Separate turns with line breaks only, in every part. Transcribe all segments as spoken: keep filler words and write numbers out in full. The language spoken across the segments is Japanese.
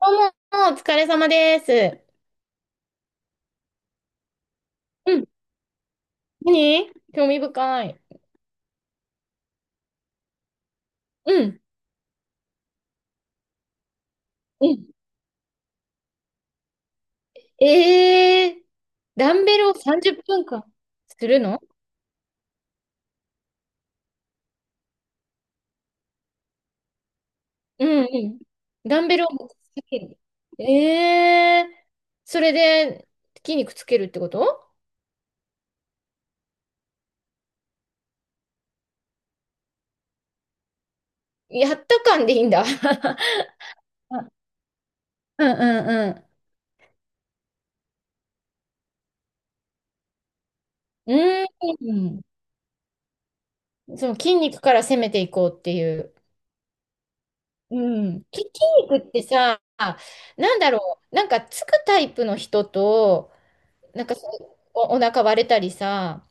どうも、お疲れ様です。うん、何、興味深い。うん、うん。ええー、ダンベルをさんじゅっぷんかんするの？うん、うん。ダンベルを持ち続ける。ええー、それで筋肉つけるってこと？やった感でいいんだ。あ、うんうんうん。うん。うん。その筋肉から攻めていこうっていう。うん。き筋肉ってさ、なんだろう、なんかつくタイプの人と、なんかさ、お、お腹割れたりさ、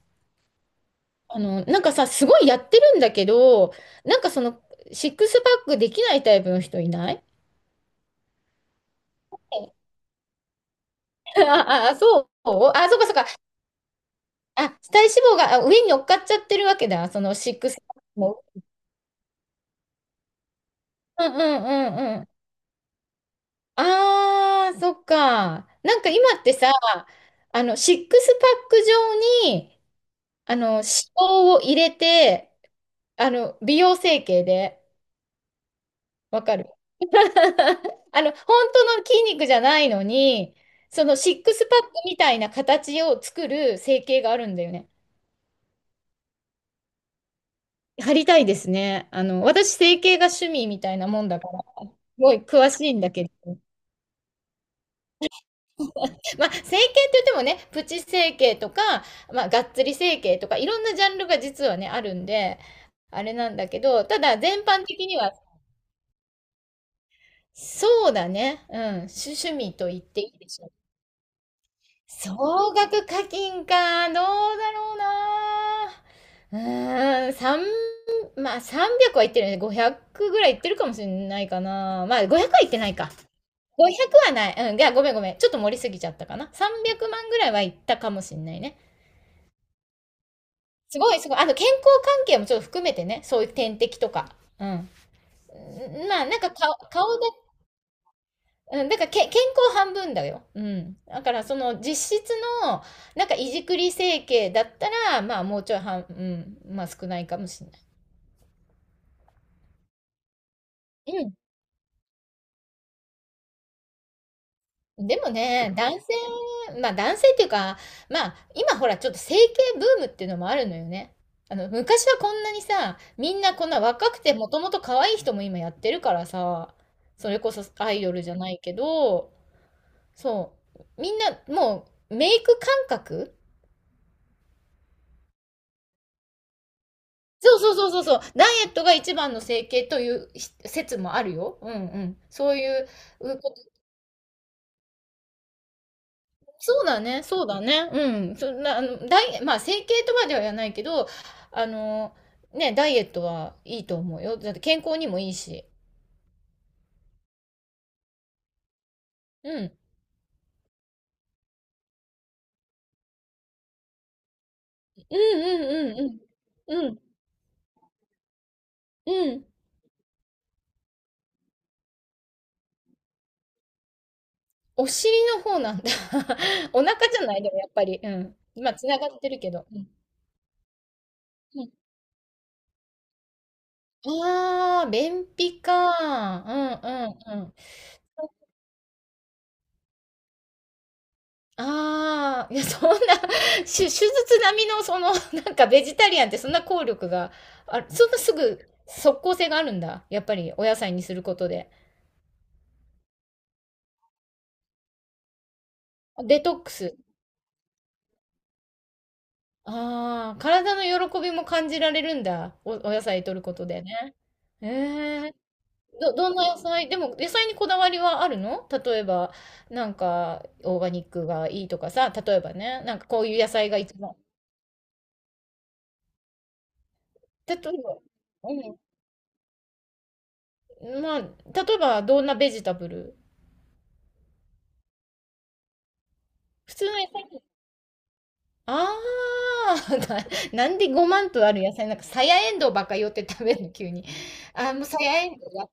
あの、なんかさ、すごいやってるんだけど、なんかその、シックスパックできないタイプの人いない？ あ、あ、そうあ、そうかそうか。あ、体脂肪があ上に乗っかっちゃってるわけだ。そのシックスパックも。うんうんうんうん。ああ、そっか。なんか今ってさ、あの、シックスパック状に、あの、脂肪を入れて、あの、美容整形で。わかる。あの、本当の筋肉じゃないのに、そのシックスパックみたいな形を作る整形があるんだよね。貼りたいですね。あの、私、整形が趣味みたいなもんだから、すごい詳しいんだけれど。まあ、整形って言ってもね、プチ整形とか、まあ、がっつり整形とか、いろんなジャンルが実はね、あるんで、あれなんだけど、ただ、全般的には、そうだね。うん、趣趣味と言っていいでしょう。総額課金か、どうだろうな。うーん、三、まあさんびゃくはいってるよね。ごひゃくぐらいいってるかもしれないかな。まあごひゃくはいってないか。ごひゃくはない。うん、いや、ごめんごめん。ちょっと盛りすぎちゃったかな。さんびゃくまんぐらいはいったかもしれないね。すごいすごい。あと健康関係もちょっと含めてね。そういう点滴とか。うん。うん、まあなんか顔、顔だ、うん、だからけ健康半分だよ。うん。だからその実質の、なんかいじくり整形だったら、まあもうちょい半、うん、まあ少ないかもしれない。うん。でもね、男性、まあ男性っていうか、まあ今ほらちょっと整形ブームっていうのもあるのよね。あの、昔はこんなにさ、みんなこんな若くてもともと可愛い人も今やってるからさ、それこそアイドルじゃないけど、そう。みんなもうメイク感覚、そうそうそうそうそう。ダイエットが一番の整形というひ説もあるよ。うんうん。そういう、うこと。そうだね、そうだね。うん。そんな、あの、ダイエまあ、整形とまでは言わないけど、あの、ね、ダイエットはいいと思うよ。だって健康にもいいし。うん。うんうんうんうん。うん。うん。お尻の方なんだ。お腹じゃないでもやっぱり。うん。今つながってるけど。うん。うん。ああ、便秘か。うんうんうん。ああ、いや、そんな、し手術並みの、その、なんか、ベジタリアンってそんな効力が、あそんなすぐ、即効性があるんだ。やっぱり、お野菜にすることで。デトックス。ああ、体の喜びも感じられるんだ。お、お野菜摂ることでね。ええ、ど、どんな野菜でも、野菜にこだわりはあるの？例えば、なんか、オーガニックがいいとかさ、例えばね、なんかこういう野菜が一番。例えば、うん。まあ、例えば、どんなベジタブル、普通の野菜。ああ、な、なんでごまんとある野菜、なんかさやえんどうばっか寄って食べるの、急に。あー、もうさやえんどうだ。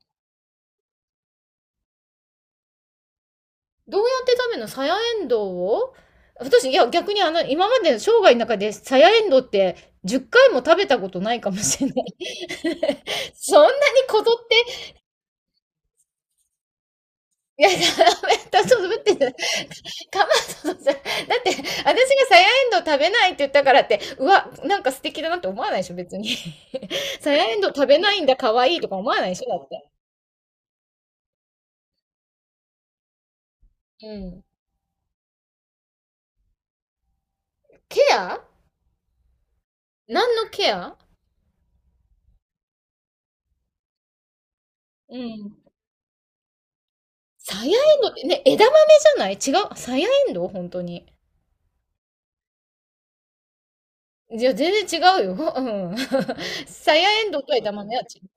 どうやって食べるのさやえんどうを、私、いや、逆にあの、今までの生涯の中でさやえんどうってじゅっかいも食べたことないかもしれない。そんなにこぞって、いや、ダメだ、そう、待って、かまそさだって、私がさやえんどう食べないって言ったからって、うわ、なんか素敵だなって思わないでしょ、別に。さやえんどう食べないんだ、可愛いとか思わないでしょ、だって。うん。ケア？何のケア？うん。さやえんどうってね、枝豆じゃない？違う。さやえんどう本当に。いや、全然違うよ。うん。さやえんどうと枝豆は違う。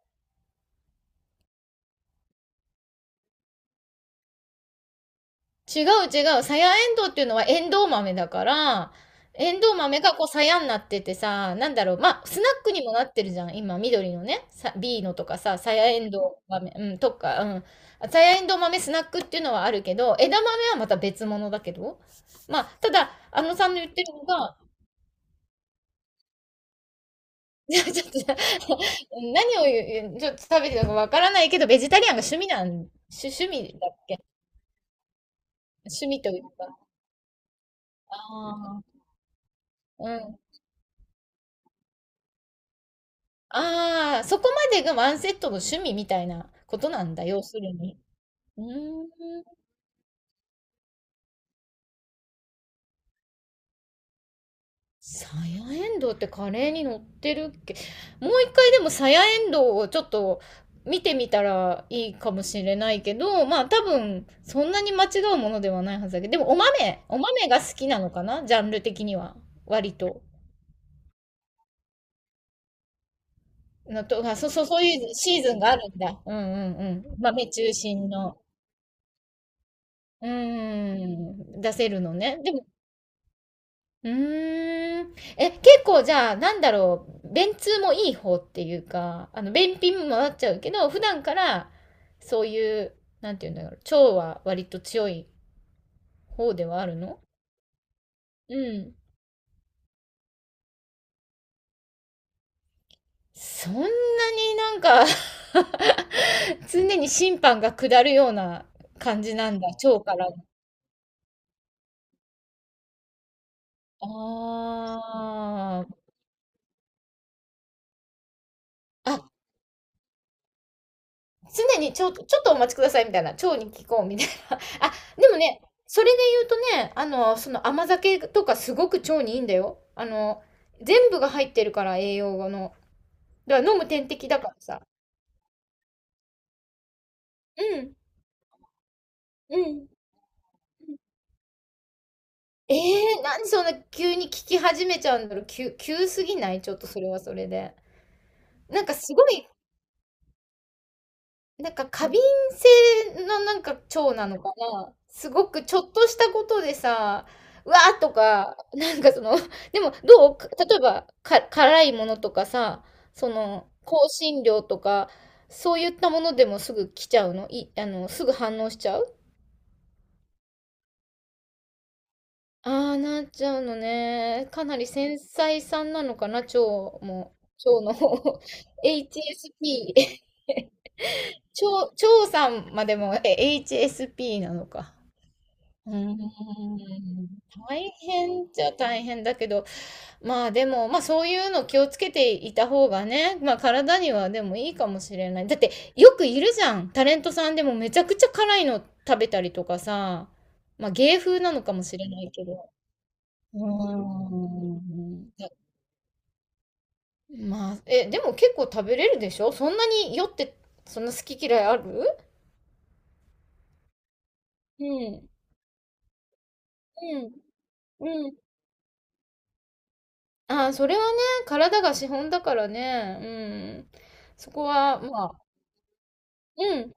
違う、違う。さやえんどうっていうのはエンドウ豆だから、エンドウ豆がこうさやになっててさ、なんだろう。まあ、スナックにもなってるじゃん。今、緑のね、さ、B のとかさ、さやえんどう豆、うん、とか、うん。さやえんどう豆スナックっていうのはあるけど、枝豆はまた別物だけど。まあ、ただ、あのさんの言ってるのが、いやちょっとさ、何を言う、ちょっと食べてたかわからないけど、ベジタリアンが趣味なん、趣、趣味だっけ？趣味というか、あうん。ああ、そこまでがワンセットの趣味みたいなことなんだ、要するに。うーん。サヤエンドウってカレーに乗ってるっけ？もう一回でもサヤエンドウをちょっと見てみたらいいかもしれないけど、まあ多分そんなに間違うものではないはずだけど、でもお豆、お豆が好きなのかなジャンル的には。割と。のと、あ、そうそう、そういうシーズンがあるんだ。うんうんうん。豆中心の。うーん。出せるのね。でも、うーん。え、結構じゃあ、なんだろう、便通もいい方っていうか、あの、便秘もなっちゃうけど、普段から、そういう、なんていうんだろう、腸は割と強い方ではあるの？うん。そんなになんか、 常に審判が下るような感じなんだ、腸から。ああ。あ、常にちょ、ちょっとお待ちくださいみたいな、腸に聞こうみたいな。あ、でもね、それで言うとね、あの、その甘酒とかすごく腸にいいんだよ。あの、全部が入ってるから栄養の。だから飲む点滴だからさ。うん、うん。えー、なんでそんな急に聞き始めちゃうんだろう。急、急すぎないちょっとそれはそれで。なんかすごい、なんか過敏性のなんか腸なのかな。すごくちょっとしたことでさ、「うわ！」とか、なんかその、でもどう？例えば、か辛いものとかさ、その、香辛料とか、そういったものでもすぐ来ちゃうの？いあの、すぐ反応しちゃう？ああ、なっちゃうのね。かなり繊細さんなのかな、腸も。腸の方 エイチエスピー。エイチエスピー。ち腸さんまでも、え、エイチエスピー なのか。うーん、大変じちゃ大変だけど、まあでも、まあそういうの気をつけていた方がね、まあ体にはでもいいかもしれない。だってよくいるじゃん。タレントさんでもめちゃくちゃ辛いの食べたりとかさ、まあ芸風なのかもしれないけど。うーん。だまあ、え、でも結構食べれるでしょそんなに酔って、そんな好き嫌いある？うん。うん。うん。ああ、それはね、体が資本だからね。うん。そこは、まあ、うん。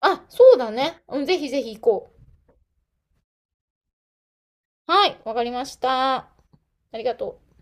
あ、そうだね。うん、ぜひぜひ行こう。はい、わかりました。ありがとう。